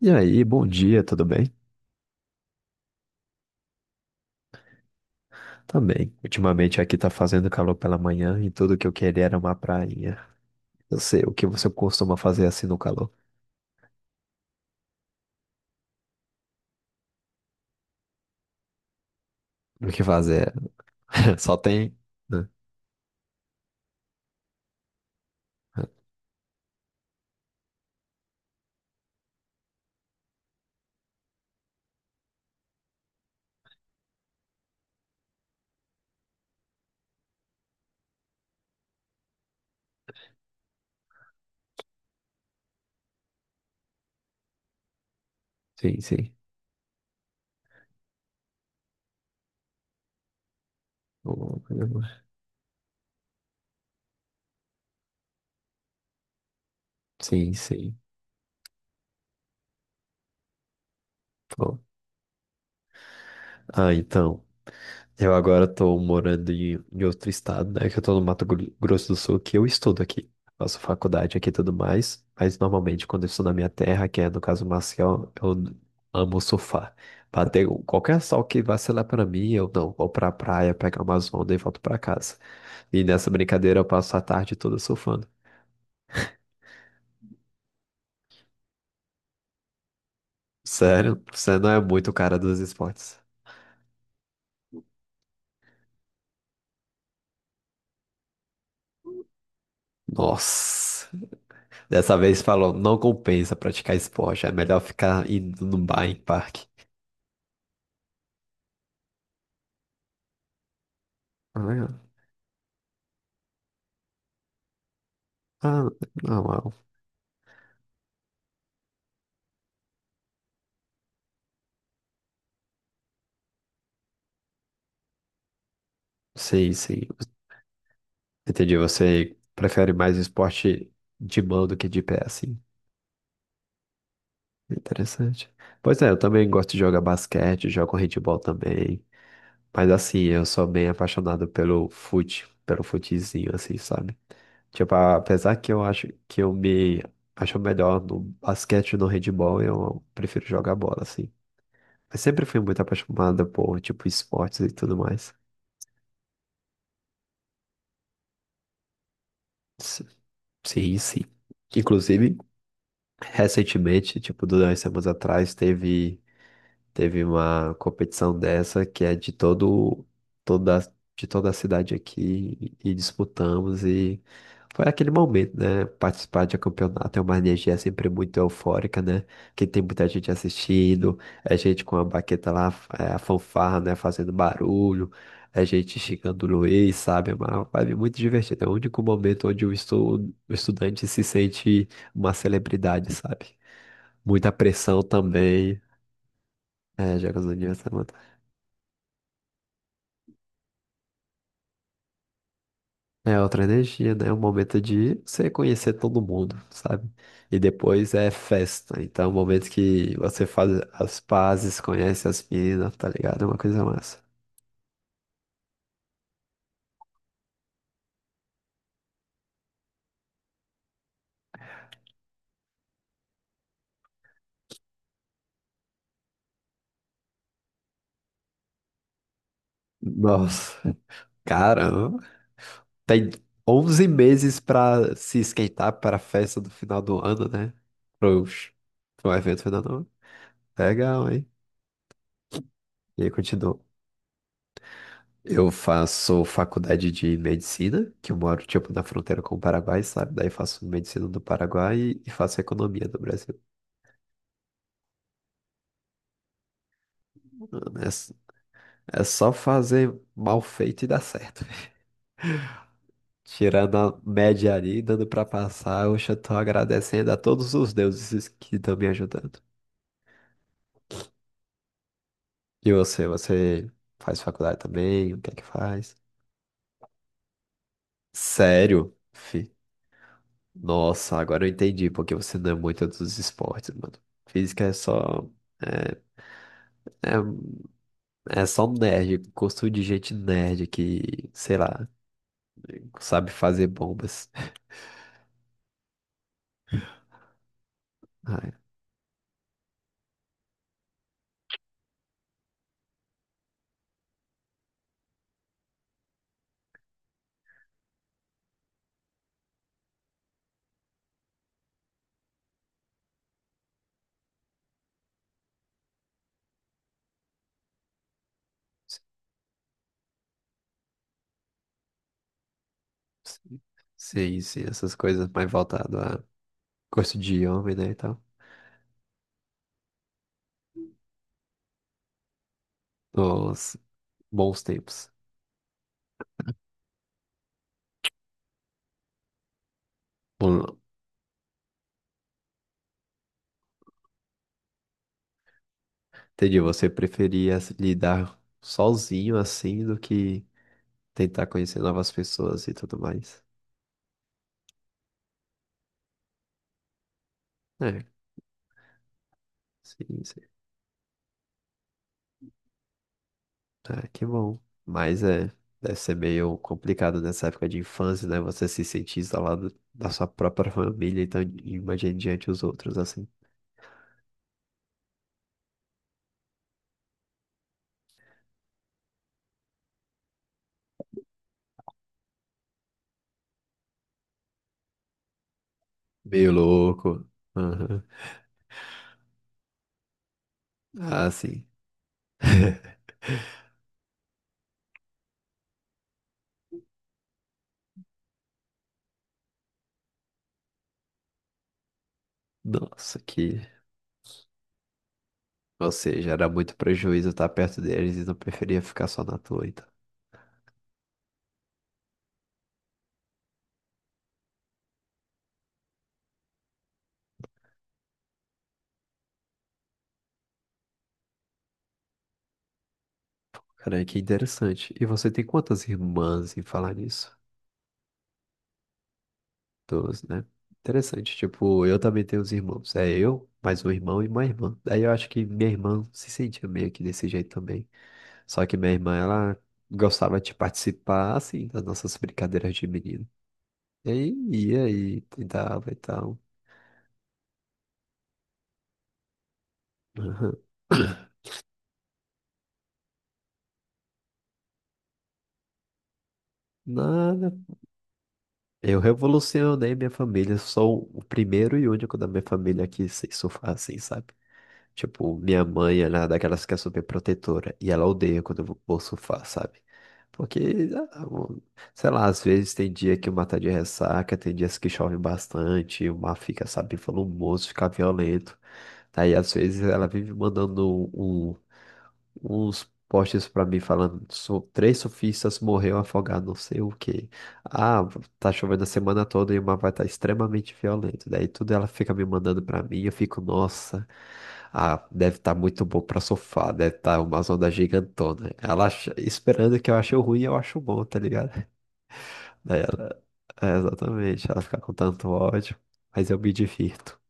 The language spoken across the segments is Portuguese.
E aí, bom dia, tudo bem? Também. Ultimamente aqui tá fazendo calor pela manhã e tudo que eu queria era uma prainha. Eu sei, o que você costuma fazer assim no calor? O que fazer? Só tem. Né? Sim, sim. O- Sim, sim. Pô. Então. Eu agora tô morando em, em outro estado, né? Que eu tô no Mato Grosso do Sul, que eu estudo aqui. Faço faculdade aqui e tudo mais. Mas normalmente quando eu estou na minha terra, que é no caso Maceió, eu amo surfar. Bater um, qualquer sol que vacilar pra mim, eu não. Vou pra praia, pego umas ondas e volto pra casa. E nessa brincadeira eu passo a tarde toda surfando. Sério, você não é muito o cara dos esportes. Nossa. Dessa vez falou, não compensa praticar esporte, é melhor ficar indo no bar, em parque. Ah, ah, não, não. Sim, sim. Entendi, você prefere mais esporte de mão do que de pé, assim. Interessante. Pois é, eu também gosto de jogar basquete, jogo handebol também. Mas assim, eu sou bem apaixonado pelo fute, pelo futezinho, assim, sabe? Tipo, apesar que eu acho que eu me acho melhor no basquete e no handebol, eu prefiro jogar bola, assim. Eu sempre fui muito apaixonada por, tipo, esportes e tudo mais. S- Sim, sim. Inclusive, recentemente, tipo, 2 semanas atrás, teve. Teve uma competição dessa que é de toda, de toda a cidade aqui e disputamos e foi aquele momento, né? Participar de um campeonato é uma energia sempre muito eufórica, né? Que tem muita gente assistindo, é gente com a baqueta lá, é, a fanfarra, né? Fazendo barulho, é gente xingando o Luiz, sabe? É uma vibe muito divertida. É o único momento onde o estudante se sente uma celebridade, sabe? Muita pressão também. É, jogos do aniversário. É outra energia, né? É um momento de você conhecer todo mundo, sabe? E depois é festa. Então, é um momento que você faz as pazes, conhece as meninas, tá ligado? É uma coisa massa. Nossa, caramba. Tem 11 meses pra se esquentar para a festa do final do ano, né? Pro, pro evento final do ano. Legal, hein? E aí continua. Eu faço faculdade de medicina, que eu moro, tipo, na fronteira com o Paraguai, sabe? Daí faço medicina do Paraguai e faço economia do Brasil. Mano, é, é só fazer mal feito e dar certo. Tirando a média ali, dando pra passar, hoje eu já tô agradecendo a todos os deuses que estão me ajudando. E você, você faz faculdade também? O que é que faz? Sério? Nossa, agora eu entendi porque você não é muito dos esportes, mano. Física é só... é, é é só um nerd, gosto de gente nerd que, sei lá, sabe fazer bombas. Ah, é. Sim, sim, essas coisas mais voltado a gosto de homem, né, e tal. Os bons tempos. Bom, entendi, você preferia se lidar sozinho assim do que tentar conhecer novas pessoas e tudo mais. É, sim, é, que bom. Mas é, deve ser meio complicado nessa época de infância, né? Você se sentir isolado da sua própria família, então imagine diante os outros, assim. Meio louco. Aham. Ah, sim. Nossa, que. Ou seja, era muito prejuízo estar perto deles e não preferia ficar só na tua, então. Cara, que interessante. E você tem quantas irmãs em falar nisso? Doze, né? Interessante. Tipo, eu também tenho os irmãos. É eu, mais um irmão e uma irmã. Daí eu acho que minha irmã se sentia meio que desse jeito também. Só que minha irmã, ela gostava de participar, assim, das nossas brincadeiras de menino. E aí ia e tentava e tal. Aham. Nada. Eu revolucionei minha família. Sou o primeiro e único da minha família que sei surfar assim, sabe? Tipo, minha mãe, ela é daquelas que é super protetora. E ela odeia quando eu vou surfar, sabe? Porque, ah, sei lá, às vezes tem dia que o mar tá de ressaca, tem dias que chove bastante, o mar fica, sabe, volumoso, fica violento. Daí, às vezes, ela vive mandando um um uns posts pra mim falando: 3 surfistas morreram afogados, não sei o quê. Ah, tá chovendo a semana toda e o mar vai estar extremamente violento." Daí tudo ela fica me mandando pra mim, eu fico, nossa, ah, deve estar muito bom pra surfar, deve estar uma onda gigantona. Esperando que eu ache o ruim, eu acho bom, tá ligado? Daí ela, é, exatamente, ela fica com tanto ódio, mas eu me divirto.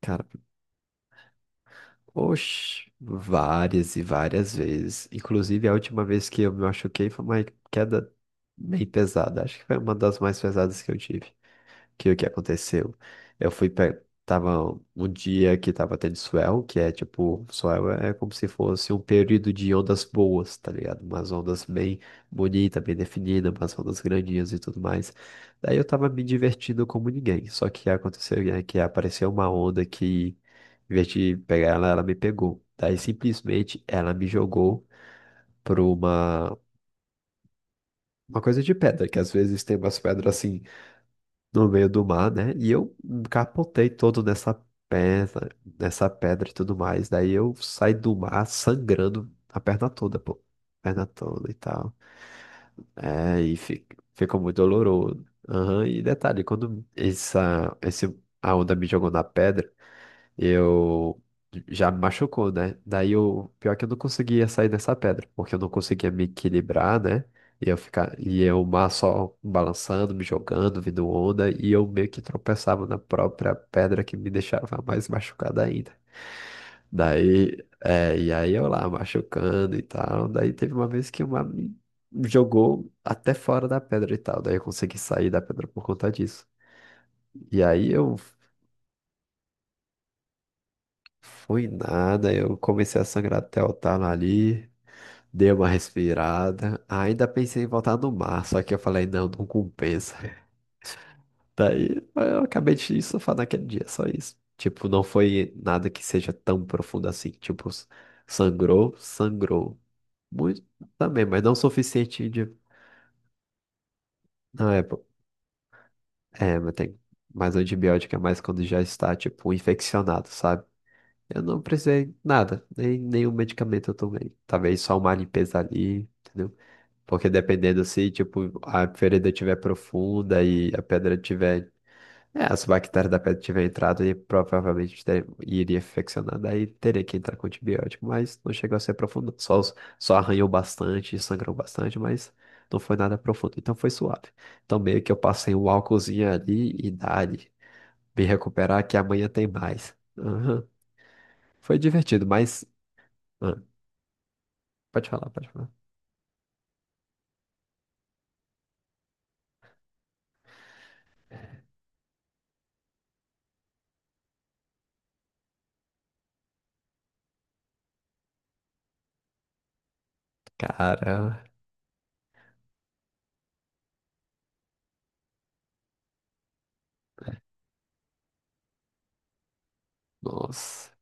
Cara, oxe, várias e várias vezes. Inclusive, a última vez que eu me machuquei foi uma queda bem pesada. Acho que foi uma das mais pesadas que eu tive que o que aconteceu? Tava um dia que tava tendo swell, que é tipo, swell é como se fosse um período de ondas boas, tá ligado? Umas ondas bem bonitas, bem definidas, umas ondas grandinhas e tudo mais. Daí eu tava me divertindo como ninguém. Só que aconteceu, né, que apareceu uma onda que, em vez de pegar ela, ela me pegou. Daí simplesmente ela me jogou pra uma coisa de pedra, que às vezes tem umas pedras assim no meio do mar, né? E eu capotei todo pedra, nessa pedra e tudo mais. Daí eu saí do mar sangrando a perna toda, pô. Perna toda e tal. É, e ficou muito doloroso. Aham. E detalhe, quando a onda me jogou na pedra, eu já me machucou, né? Daí o pior é que eu não conseguia sair dessa pedra, porque eu não conseguia me equilibrar, né? E eu ficar e eu mar só balançando, me jogando, vindo onda, e eu meio que tropeçava na própria pedra que me deixava mais machucado ainda. Daí, é, e aí eu lá machucando e tal. Daí teve uma vez que uma me jogou até fora da pedra e tal. Daí eu consegui sair da pedra por conta disso. E aí eu foi nada, eu comecei a sangrar até o talo ali, dei uma respirada, ainda pensei em voltar no mar, só que eu falei, não, não compensa. Daí eu acabei de surfar naquele dia, só isso. Tipo, não foi nada que seja tão profundo assim, tipo, sangrou, sangrou. Muito também, mas não o suficiente de... Na época, é, mas tem mais antibiótico, é mais quando já está, tipo, infeccionado, sabe? Eu não precisei nada, nem nenhum medicamento eu tomei. Talvez só uma limpeza ali, entendeu? Porque dependendo se, tipo, a ferida estiver profunda e a pedra tiver. É, as bactérias da pedra tiver entrado e provavelmente iria infeccionar, daí teria que entrar com antibiótico, mas não chegou a ser profundo. Só arranhou bastante, sangrou bastante, mas não foi nada profundo, então foi suave. Então meio que eu passei um álcoolzinho ali e dali, me recuperar que amanhã tem mais. Aham. Foi divertido, mas ah, pode falar, pode falar. Cara, nossa.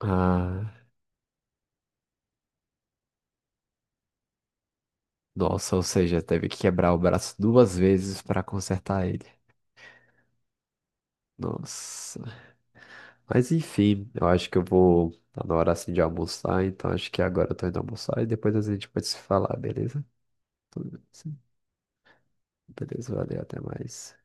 Ah, nossa, ou seja, teve que quebrar o braço 2 vezes para consertar ele. Nossa. Mas enfim, eu acho que eu vou. Tá na hora assim de almoçar, então acho que agora eu tô indo almoçar e depois a gente pode se falar, beleza? Tudo bem, sim. Beleza, valeu, até mais.